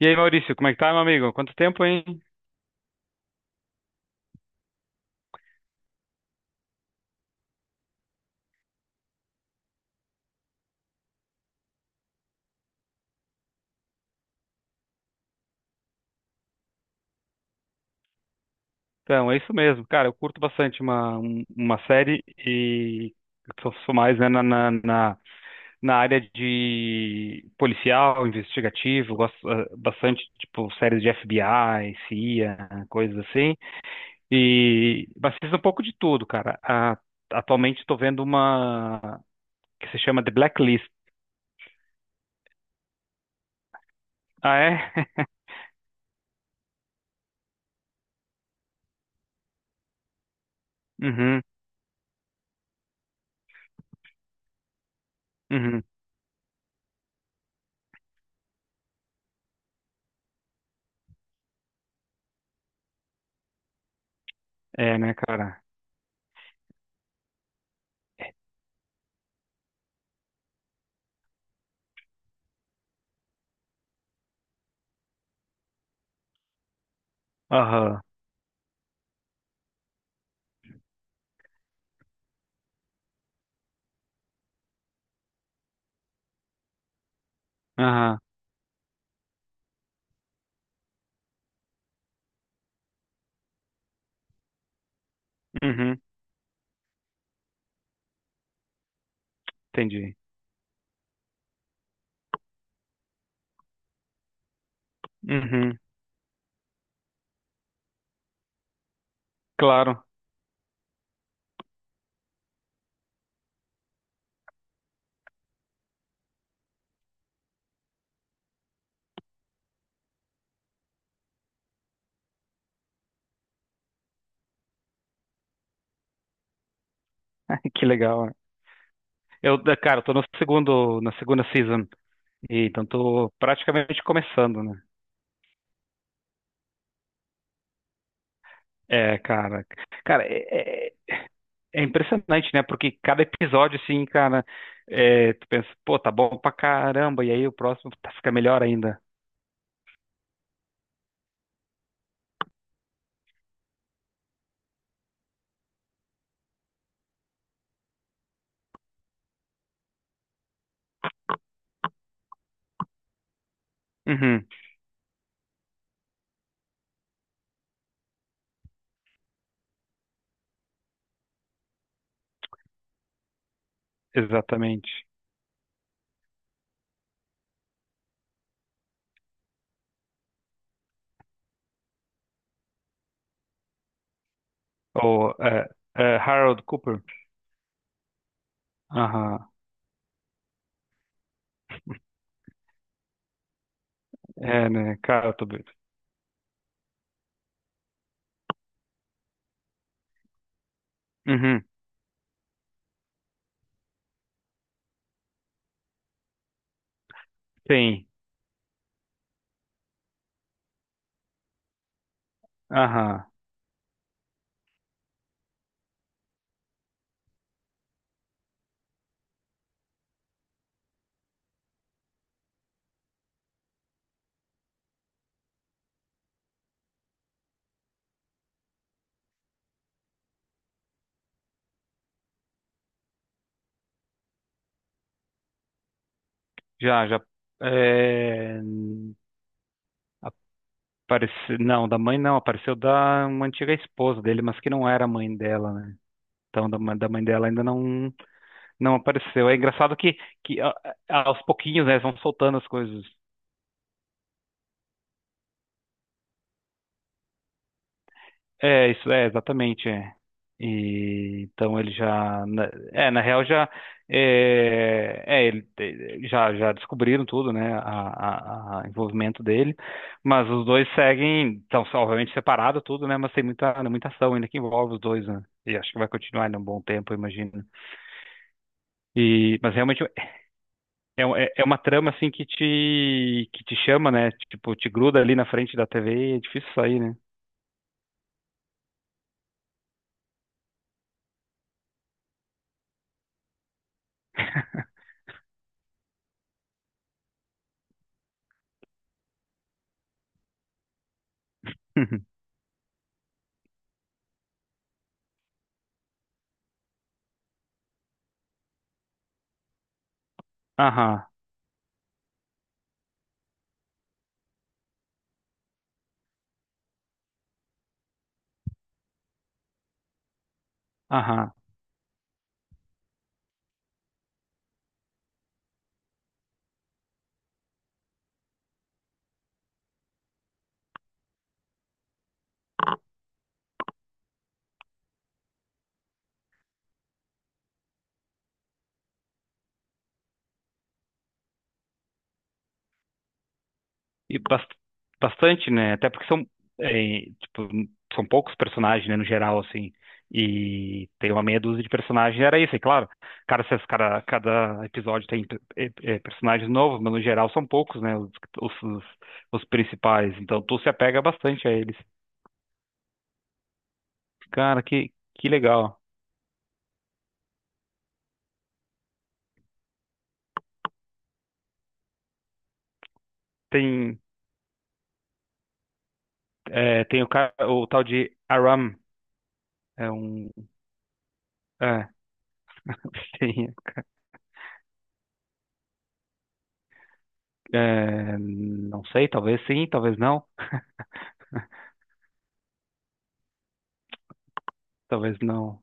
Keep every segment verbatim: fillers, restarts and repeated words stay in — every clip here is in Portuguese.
E aí, Maurício, como é que tá, meu amigo? Quanto tempo, hein? Então, é isso mesmo. Cara, eu curto bastante uma, um- uma série e eu sou, sou mais, né, na, na, na na área de policial, investigativo, gosto ah, bastante, tipo, séries de F B I, C I A, coisas assim. E mas fiz um pouco de tudo, cara. A- atualmente estou vendo uma que se chama The Blacklist. Ah, é? Uhum, uhum. É, né, cara? Aham, aham, uhum, entendi. Uhum, claro. Que legal, né? Eu, da- cara, eu tô no segundo, na segunda season, e então tô praticamente começando, né? É, cara. Cara, é, é- É impressionante, né? Porque cada episódio, assim, cara, é, tu pensa, pô, tá bom pra caramba, e aí o próximo tá- fica melhor ainda. Uhum, exatamente. Ou é, é, Harold Cooper? Aham, é, né? Cara, eu tô doido. Uhum, tem. Aham, já, já. É... Apareceu... Não, da mãe não, apareceu da uma antiga esposa dele, mas que não era a mãe dela, né? Então, da, ma- da mãe dela ainda não, não apareceu. É engraçado que, que a- a- aos pouquinhos, né, eles vão soltando as coisas. É, isso é exatamente, é. E então ele já, na- é, na real já, é, é, ele, eh, já, já descobriram tudo, né, a, a, a envolvimento dele, mas os dois seguem, estão obviamente separados tudo, né, mas tem muita, né, muita ação ainda que envolve os dois, né, e acho que vai continuar ainda um bom tempo, eu imagino. E mas realmente é, um- é é uma trama assim que te, que te chama, né, tipo, te gruda ali na frente da T V e é difícil sair, né. Aham, aham. E bas- bastante, né? Até porque são, é, tipo, são poucos personagens, né, no geral, assim. E tem uma meia dúzia de personagens, era isso, é claro. Cada, cada, cada episódio tem é, é, personagens novos, mas no geral são poucos, né? Os, os, os- os principais. Então tu se apega bastante a eles. Cara, que, que legal. Tem, é, tem o, ca- o tal de Aram. É um. É, tem, é, não sei, talvez sim, talvez não. Talvez não.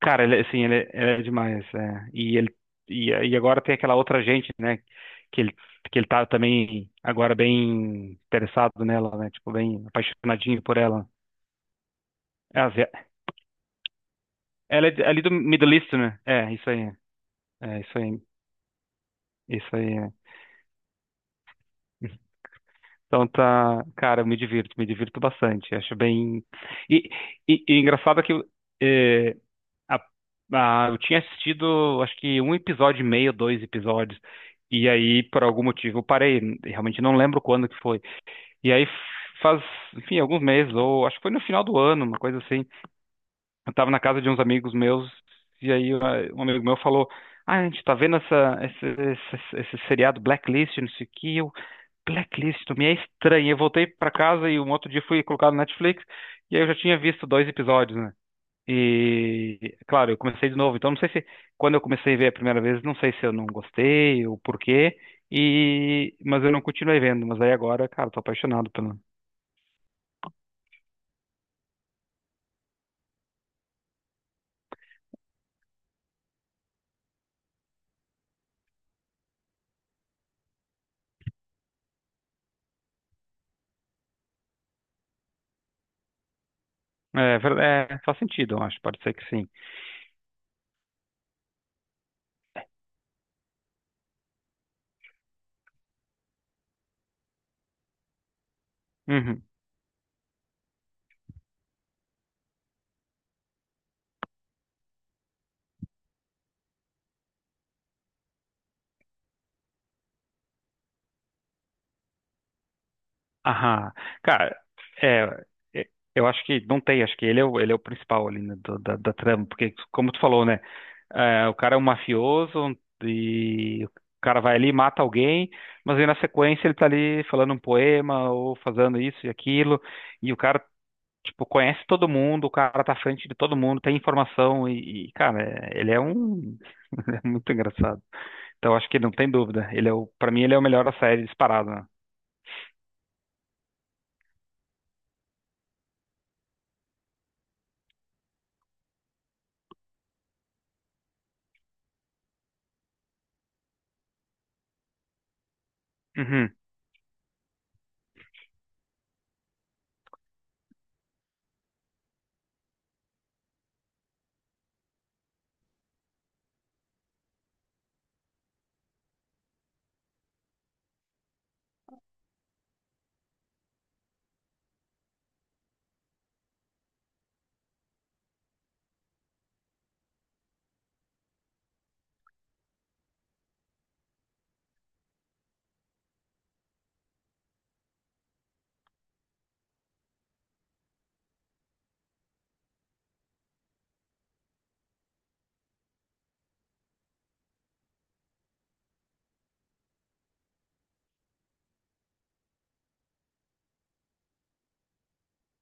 Cara, ele, é, assim, ele, é é demais, é. E ele e, e agora tem aquela outra gente, né, que ele que ele tá também agora bem interessado nela, né, tipo bem apaixonadinho por ela. É a Zé- Ela é de- ali do Middle East, né? É, isso aí. É, isso aí. Isso aí, é. Então tá, cara, eu me divirto, me divirto bastante. Acho bem e, e, e engraçado que é, Ah, ah, eu tinha assistido, acho que um episódio e meio, dois episódios. E aí, por algum motivo, eu parei. Realmente não lembro quando que foi. E aí, faz, enfim, alguns meses, ou acho que foi no final do ano, uma coisa assim. Eu tava na casa de uns amigos meus, e aí ah, um amigo meu falou: Ah, a gente tá vendo essa, esse, esse, esse seriado Blacklist, não sei o que. Eu, Blacklist, me é estranho. Eu voltei pra casa e um outro dia fui colocar no Netflix, e aí eu já tinha visto dois episódios, né? E, claro, eu comecei de novo. Então, não sei se quando eu comecei a ver a primeira vez, não sei se eu não gostei ou por quê. E mas eu não continuei vendo. Mas aí agora, cara, tô apaixonado pelo. É, ver- é, faz sentido, eu acho. Pode ser que sim. Uhum. Aham. Cara, é, é, eu acho que não tem. Acho que ele é o, ele é o principal ali, né, do- da, da trama. Porque, como tu falou, né? É, o cara é um mafioso e o cara vai ali, mata alguém, mas aí na sequência ele tá ali falando um poema ou fazendo isso e aquilo, e o cara, tipo, conhece todo mundo, o cara tá à frente de todo mundo, tem informação e, e, cara, é- ele é um... ele é muito engraçado. Então acho que não tem dúvida, ele é o... pra mim ele é o melhor da série disparado, né? Uhum,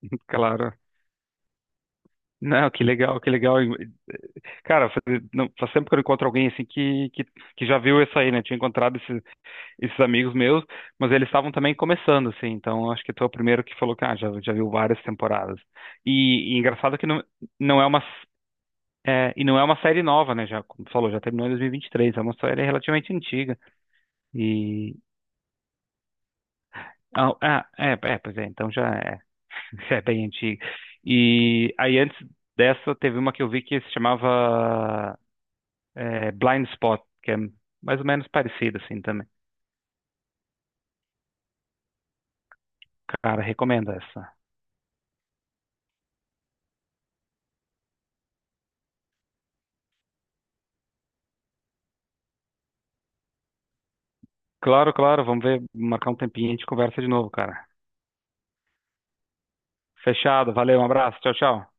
claro. Não, que legal, que legal. Cara, faz, não, faz tempo que eu encontro alguém assim que, que, que já viu isso aí, né? Tinha encontrado esse, esses amigos meus, mas eles estavam também começando, assim, então acho que tu é o primeiro que falou que ah, já, já viu várias temporadas. E, e engraçado que não, não é uma, é, e não é uma série nova, né, já, como tu falou, já terminou em dois mil e vinte e três, é uma série relativamente antiga, e... Ah, ah, é, é, pois é, então já é, já é bem antiga. E aí antes dessa teve uma que eu vi que se chamava é, Blind Spot, que é mais ou menos parecida, assim, também. Cara, recomendo essa. Claro, claro, vamos ver, marcar um tempinho e a gente conversa de novo, cara. Fechado, valeu, um abraço, tchau, tchau.